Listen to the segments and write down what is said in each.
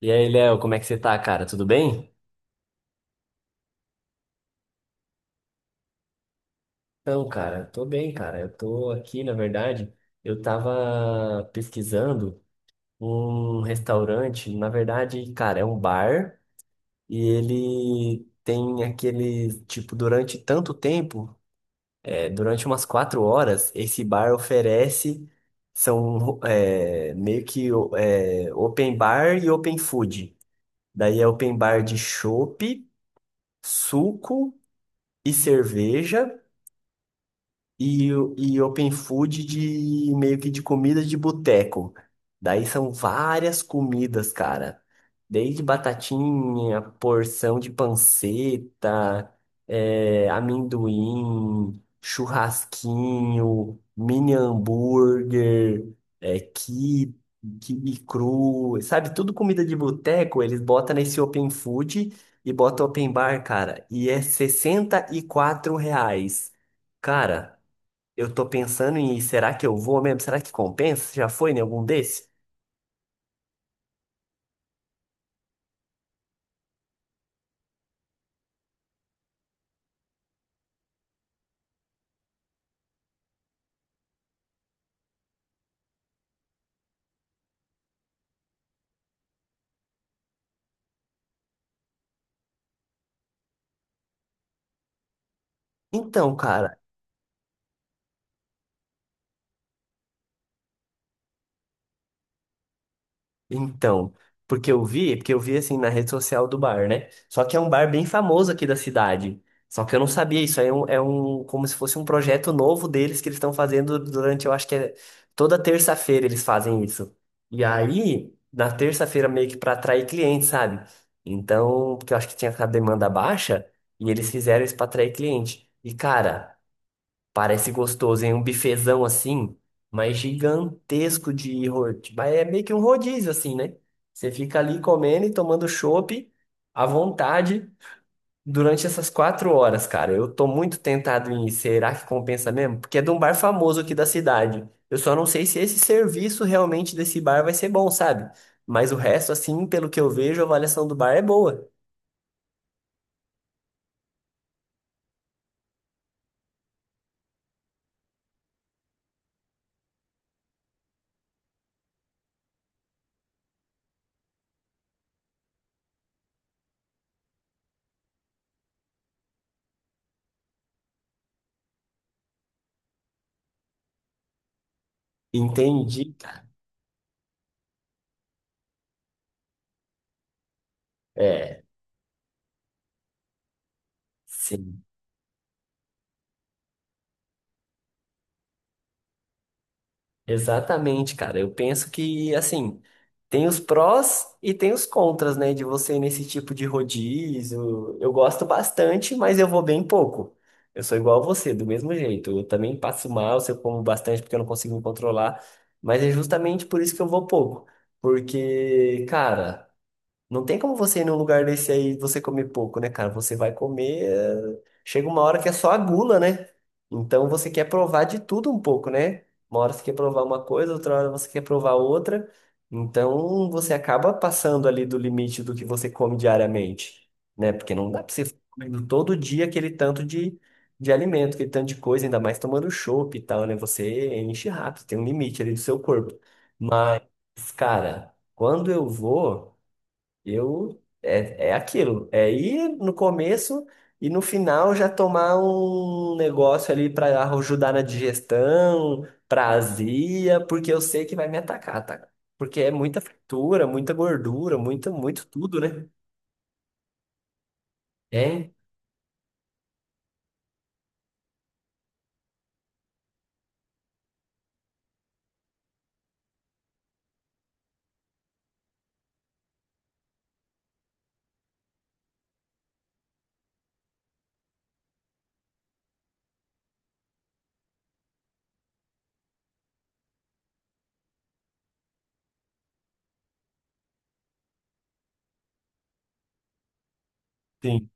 E aí, Léo, como é que você tá, cara? Tudo bem? Então, cara, tô bem, cara. Eu tô aqui, na verdade, eu tava pesquisando um restaurante, na verdade, cara, é um bar e ele tem aquele, tipo, durante tanto tempo, durante umas 4 horas, esse bar oferece, são meio que open bar e open food. Daí é open bar de chopp, suco e cerveja. E open food de meio que de comida de boteco. Daí são várias comidas, cara. Desde batatinha, porção de panceta, amendoim, churrasquinho, mini hambúrguer, é, quibe, quibe cru, sabe? Tudo comida de boteco, eles botam nesse open food e botam open bar, cara. E é 64 reais. Cara. Eu tô pensando em, será que eu vou mesmo? Será que compensa? Já foi em algum desses? Então, cara, então, porque eu vi assim na rede social do bar, né? Só que é um bar bem famoso aqui da cidade. Só que eu não sabia, isso aí como se fosse um projeto novo deles que eles estão fazendo durante, eu acho que é toda terça-feira eles fazem isso. E aí, na terça-feira meio que pra atrair clientes, sabe? Então, porque eu acho que tinha a demanda baixa e eles fizeram isso pra atrair cliente. E cara, parece gostoso, hein? Um bifezão assim, mas gigantesco de rodízio. Mas é meio que um rodízio, assim, né? Você fica ali comendo e tomando chopp à vontade durante essas 4 horas, cara. Eu tô muito tentado em ir. Será que compensa mesmo? Porque é de um bar famoso aqui da cidade. Eu só não sei se esse serviço realmente desse bar vai ser bom, sabe? Mas o resto, assim, pelo que eu vejo, a avaliação do bar é boa. Entendi, cara. É. Sim. Exatamente, cara. Eu penso que, assim, tem os prós e tem os contras, né, de você ir nesse tipo de rodízio. Eu gosto bastante, mas eu vou bem pouco. Eu sou igual a você, do mesmo jeito. Eu também passo mal se eu como bastante porque eu não consigo me controlar, mas é justamente por isso que eu vou pouco. Porque, cara. Não tem como você ir num lugar desse aí e você comer pouco, né, cara? Você vai comer. Chega uma hora que é só a gula, né? Então você quer provar de tudo um pouco, né? Uma hora você quer provar uma coisa, outra hora você quer provar outra. Então você acaba passando ali do limite do que você come diariamente, né? Porque não dá pra você ficar comendo todo dia aquele tanto de alimento, aquele tanto de coisa, ainda mais tomando chopp e tal, né? Você enche rápido, tem um limite ali do seu corpo. Mas, cara, quando eu vou. É aquilo, é ir no começo e no final já tomar um negócio ali para ajudar na digestão, pra azia, porque eu sei que vai me atacar, tá? Porque é muita fritura, muita gordura, muito, muito tudo, né? É, sim.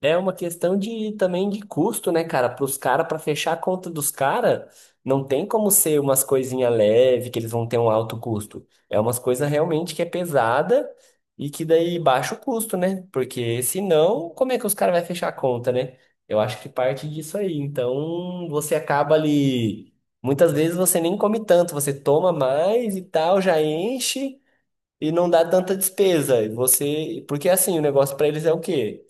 É uma questão de também de custo, né, cara? Para os caras, para fechar a conta dos caras, não tem como ser umas coisinhas leve que eles vão ter um alto custo. É umas coisas realmente que é pesada e que daí baixa o custo, né? Porque senão, como é que os caras vão fechar a conta, né? Eu acho que parte disso aí. Então, você acaba ali. Muitas vezes você nem come tanto, você toma mais e tal, já enche e não dá tanta despesa. E você, porque assim, o negócio para eles é o quê?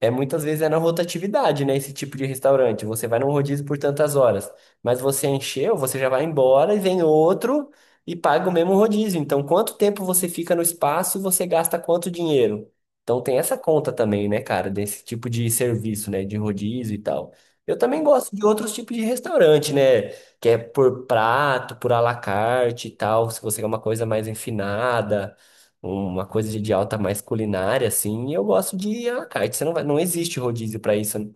É muitas vezes é na rotatividade, né? Esse tipo de restaurante. Você vai num rodízio por tantas horas, mas você encheu, você já vai embora e vem outro e paga o mesmo rodízio. Então, quanto tempo você fica no espaço e você gasta quanto dinheiro? Então, tem essa conta também, né, cara, desse tipo de serviço, né, de rodízio e tal. Eu também gosto de outros tipos de restaurante, né, que é por prato, por à la carte e tal, se você quer uma coisa mais enfinada uma coisa de alta mais culinária, assim, e eu gosto de à la carte. Você não vai, não existe rodízio para isso. Né?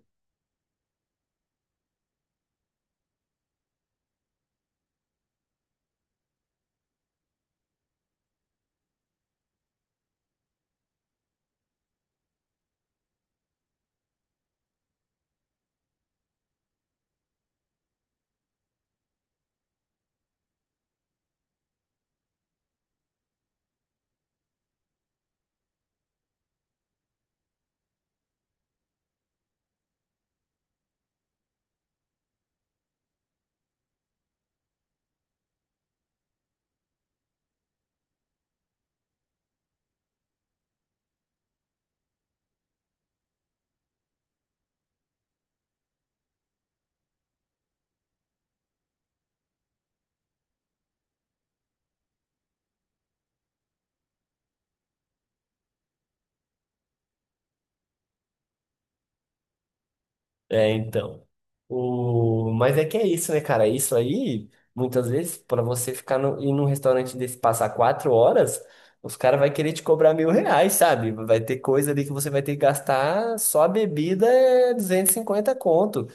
É, então. O, mas é que é isso, né, cara? Isso aí, muitas vezes, para você ficar no, ir num restaurante desse passar 4 horas, os caras vão querer te cobrar 1.000 reais, sabe? Vai ter coisa ali que você vai ter que gastar só a bebida é 250 conto.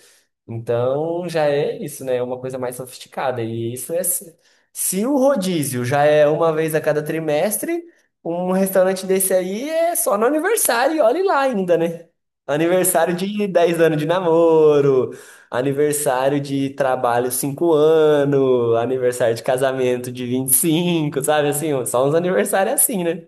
Então já é isso, né? É uma coisa mais sofisticada. E isso é. Se o rodízio já é uma vez a cada trimestre, um restaurante desse aí é só no aniversário, e olhe lá ainda, né? Aniversário de 10 anos de namoro, aniversário de trabalho 5 anos, aniversário de casamento de 25, sabe, assim? Só uns aniversários é assim, né?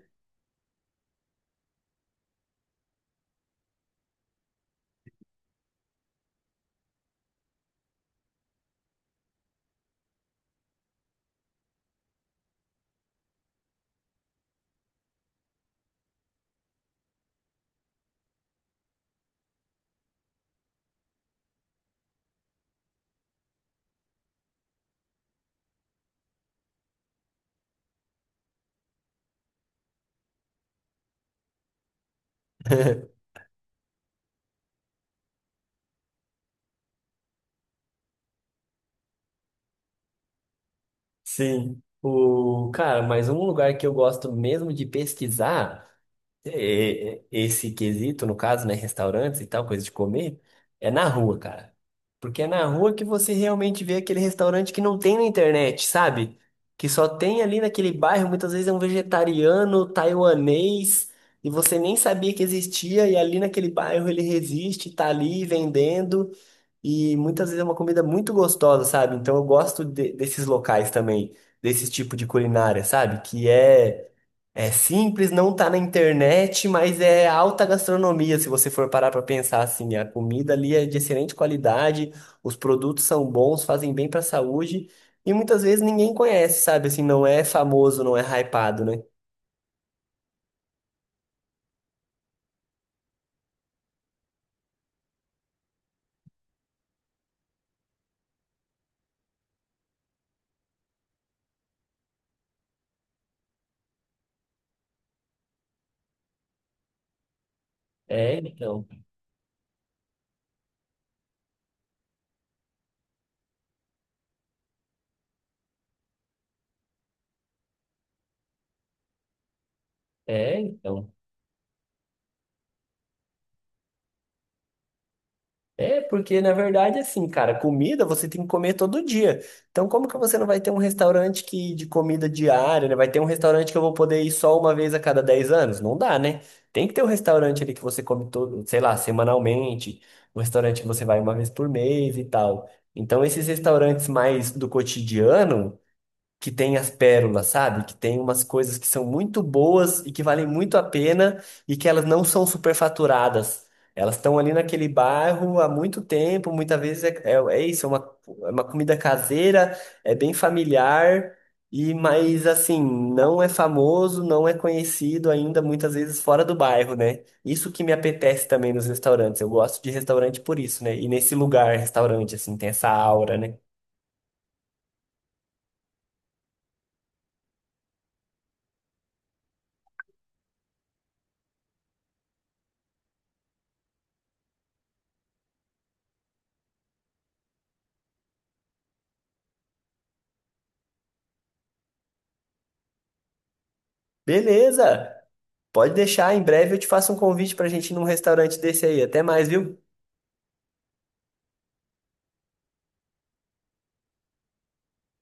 Sim. O, cara, mas um lugar que eu gosto mesmo de pesquisar. Esse quesito, no caso, né, restaurantes e tal, coisa de comer, é na rua, cara. Porque é na rua que você realmente vê aquele restaurante que não tem na internet, sabe? Que só tem ali naquele bairro, muitas vezes é um vegetariano, taiwanês, e você nem sabia que existia, e ali naquele bairro ele resiste, tá ali vendendo, e muitas vezes é uma comida muito gostosa, sabe? Então eu gosto desses locais também, desse tipo de culinária, sabe? Que é simples, não tá na internet, mas é alta gastronomia, se você for parar para pensar assim. A comida ali é de excelente qualidade, os produtos são bons, fazem bem para a saúde, e muitas vezes ninguém conhece, sabe? Assim, não é famoso, não é hypado, né? É, então. É, então. É, porque na verdade, assim, cara, comida você tem que comer todo dia. Então, como que você não vai ter um restaurante que de comida diária, né? Vai ter um restaurante que eu vou poder ir só uma vez a cada 10 anos? Não dá, né? Tem que ter um restaurante ali que você come todo, sei lá, semanalmente, um restaurante que você vai uma vez por mês e tal. Então, esses restaurantes mais do cotidiano que tem as pérolas, sabe? Que tem umas coisas que são muito boas e que valem muito a pena e que elas não são superfaturadas. Elas estão ali naquele bairro há muito tempo, muitas vezes é isso, é uma comida caseira, é bem familiar, e mas assim, não é famoso, não é conhecido ainda, muitas vezes fora do bairro, né? Isso que me apetece também nos restaurantes. Eu gosto de restaurante por isso, né? E nesse lugar, restaurante, assim, tem essa aura, né? Beleza! Pode deixar, em breve eu te faço um convite pra gente ir num restaurante desse aí. Até mais, viu?